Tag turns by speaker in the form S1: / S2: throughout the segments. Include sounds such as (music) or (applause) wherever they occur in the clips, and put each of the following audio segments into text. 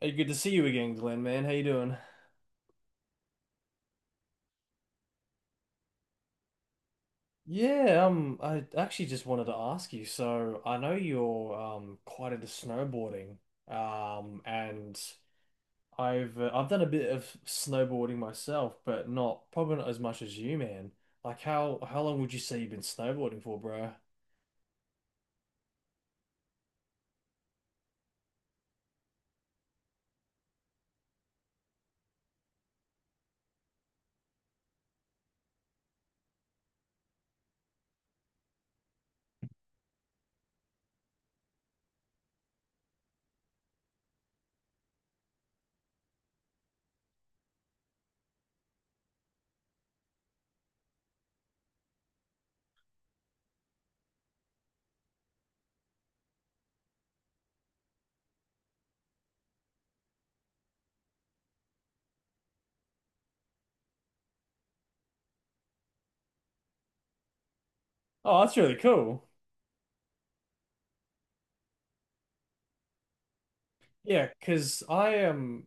S1: Hey, good to see you again, Glenn, man. How you doing? Yeah, I actually just wanted to ask you. So I know you're quite into snowboarding, and I've done a bit of snowboarding myself, but not probably not as much as you, man. Like how long would you say you've been snowboarding for, bro? Oh, that's really cool. Yeah, because I am.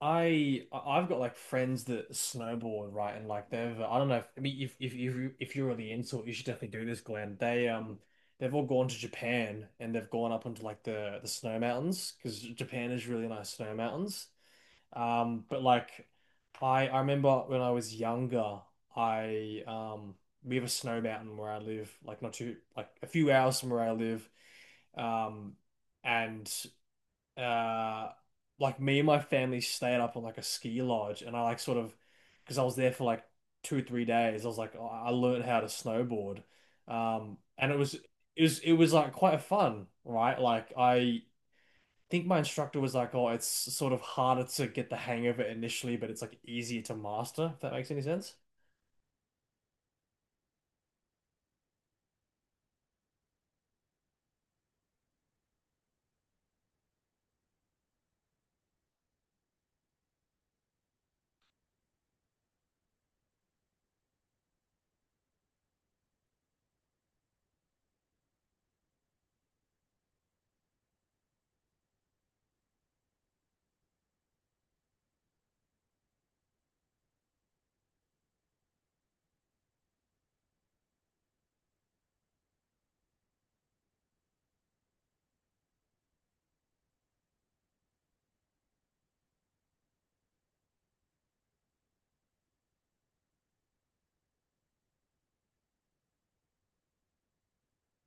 S1: Have got like friends that snowboard, right? And like they've I don't know, if I mean if you if you're really into it, you should definitely do this, Glenn. They've all gone to Japan, and they've gone up into like the snow mountains because Japan is really nice snow mountains. But like I remember when I was younger, I we have a snow mountain where I live, like not too, like a few hours from where I live. Um, and uh like me and my family stayed up on like a ski lodge, and I, like, sort of, because I was there for like 2 3 days, I was like I learned how to snowboard, and it was, it was like quite fun, right? Like I think my instructor was like, oh, it's sort of harder to get the hang of it initially, but it's like easier to master, if that makes any sense.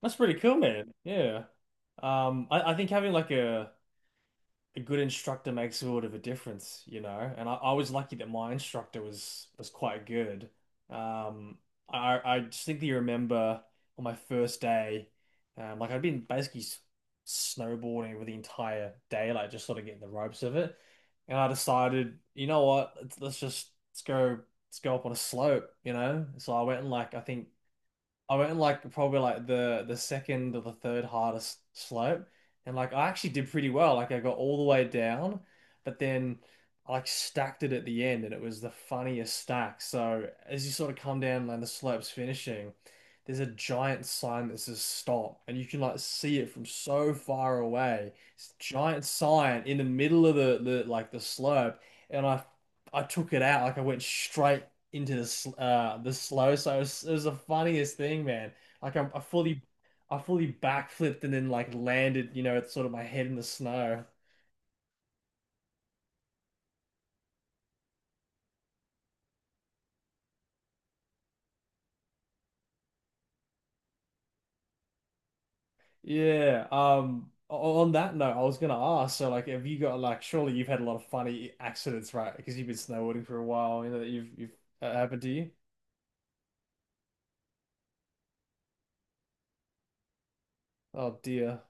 S1: That's pretty cool, man. Yeah I think having like a good instructor makes sort of a difference, you know. And I was lucky that my instructor was quite good. Um, I distinctly remember on my first day, like I'd been basically snowboarding for the entire day, like just sort of getting the ropes of it. And I decided, you know what, let's go up on a slope, you know. So I went and like I think I went like probably like the second or the third hardest slope, and like I actually did pretty well. Like I got all the way down, but then I like stacked it at the end, and it was the funniest stack. So as you sort of come down and the slope's finishing, there's a giant sign that says stop, and you can like see it from so far away. It's a giant sign in the middle of the slope, and I took it out. Like I went straight into the the slow. So it was the funniest thing, man. Like I fully backflipped and then like landed, you know, it's sort of my head in the snow. Yeah. On that note, I was gonna ask. So like, have you got like? Surely you've had a lot of funny accidents, right? Because you've been snowboarding for a while. You know that you've happened to you. Oh dear.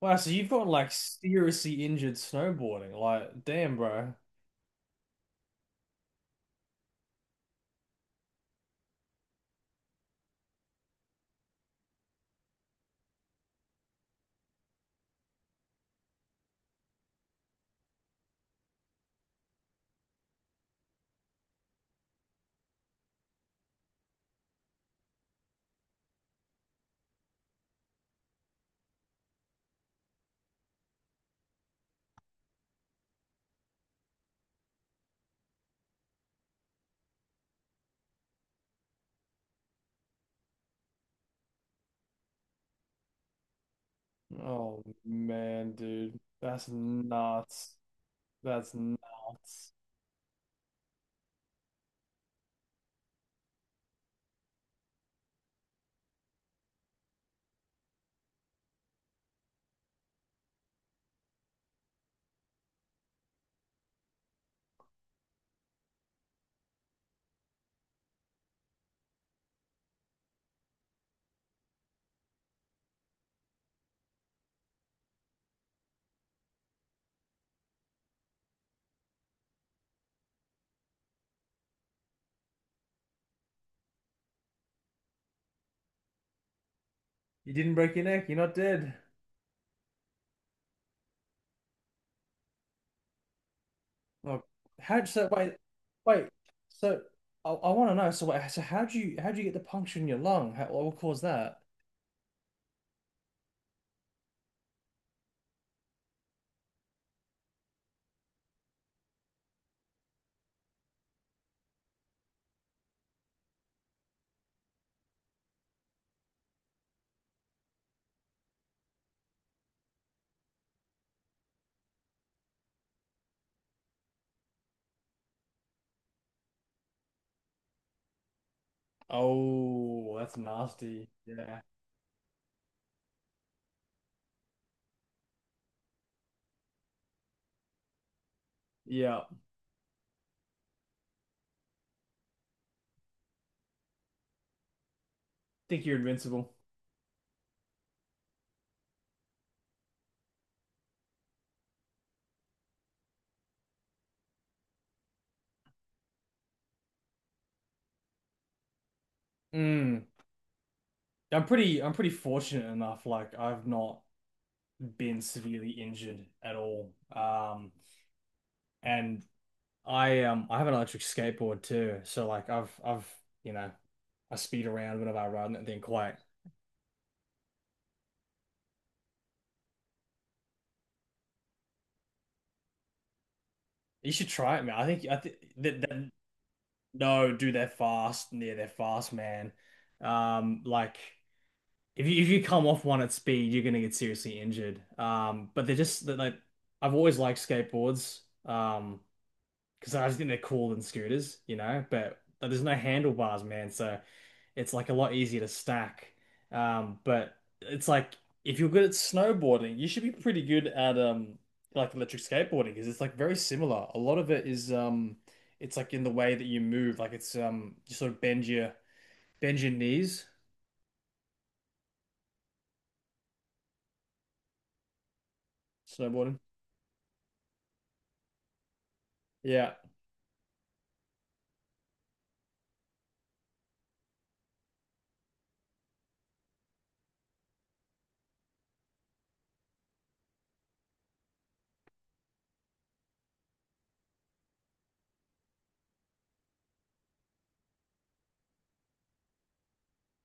S1: Wow. So you've gotten like seriously injured snowboarding. Like, damn, bro. Oh man, dude, that's nuts. That's nuts. You didn't break your neck. You're not dead. Oh, how? So wait, wait. So I want to know. So wait. So how do you get the puncture in your lung? How, what would cause that? Oh, that's nasty. Yeah. Yeah. Think you're invincible. Mm. I'm pretty fortunate enough. Like I've not been severely injured at all. And I have an electric skateboard too. So like I've you know I speed around whenever I ride, and that quite, you should try it, man. I think that, that no, do their fast. Yeah, they're fast, man. Um, like if you if you come off one at speed, you're gonna get seriously injured. But they're just they're like, I've always liked skateboards. Um, because I just think they're cooler than scooters, you know. But There's no handlebars, man. So it's like a lot easier to stack. But It's like if you're good at snowboarding, you should be pretty good at like electric skateboarding, because it's like very similar. A lot of it is it's like in the way that you move, like it's you sort of bend your knees snowboarding. Yeah.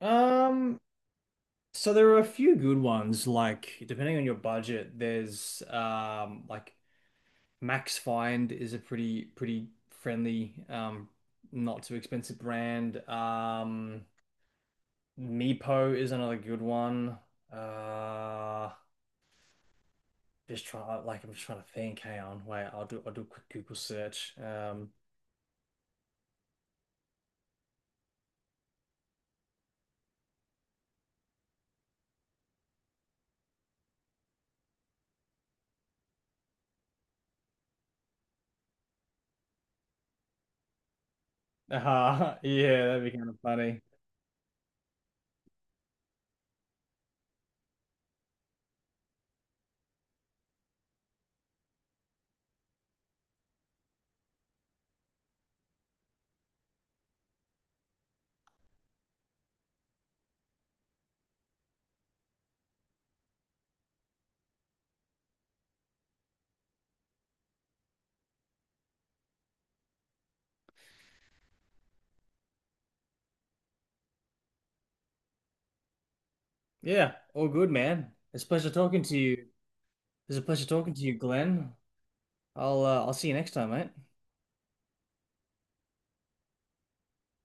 S1: Um so there are a few good ones, like depending on your budget, there's like Max Find is a pretty friendly, not too expensive brand. Meepo is another good one. Uh, just trying, like, I'm just trying to think. Hang on, wait, I'll do a quick Google search. (laughs) Aha, yeah, that'd be kind of funny. Yeah, all good, man. It's a pleasure talking to you. It's a pleasure talking to you, Glenn. I'll see you next time, mate.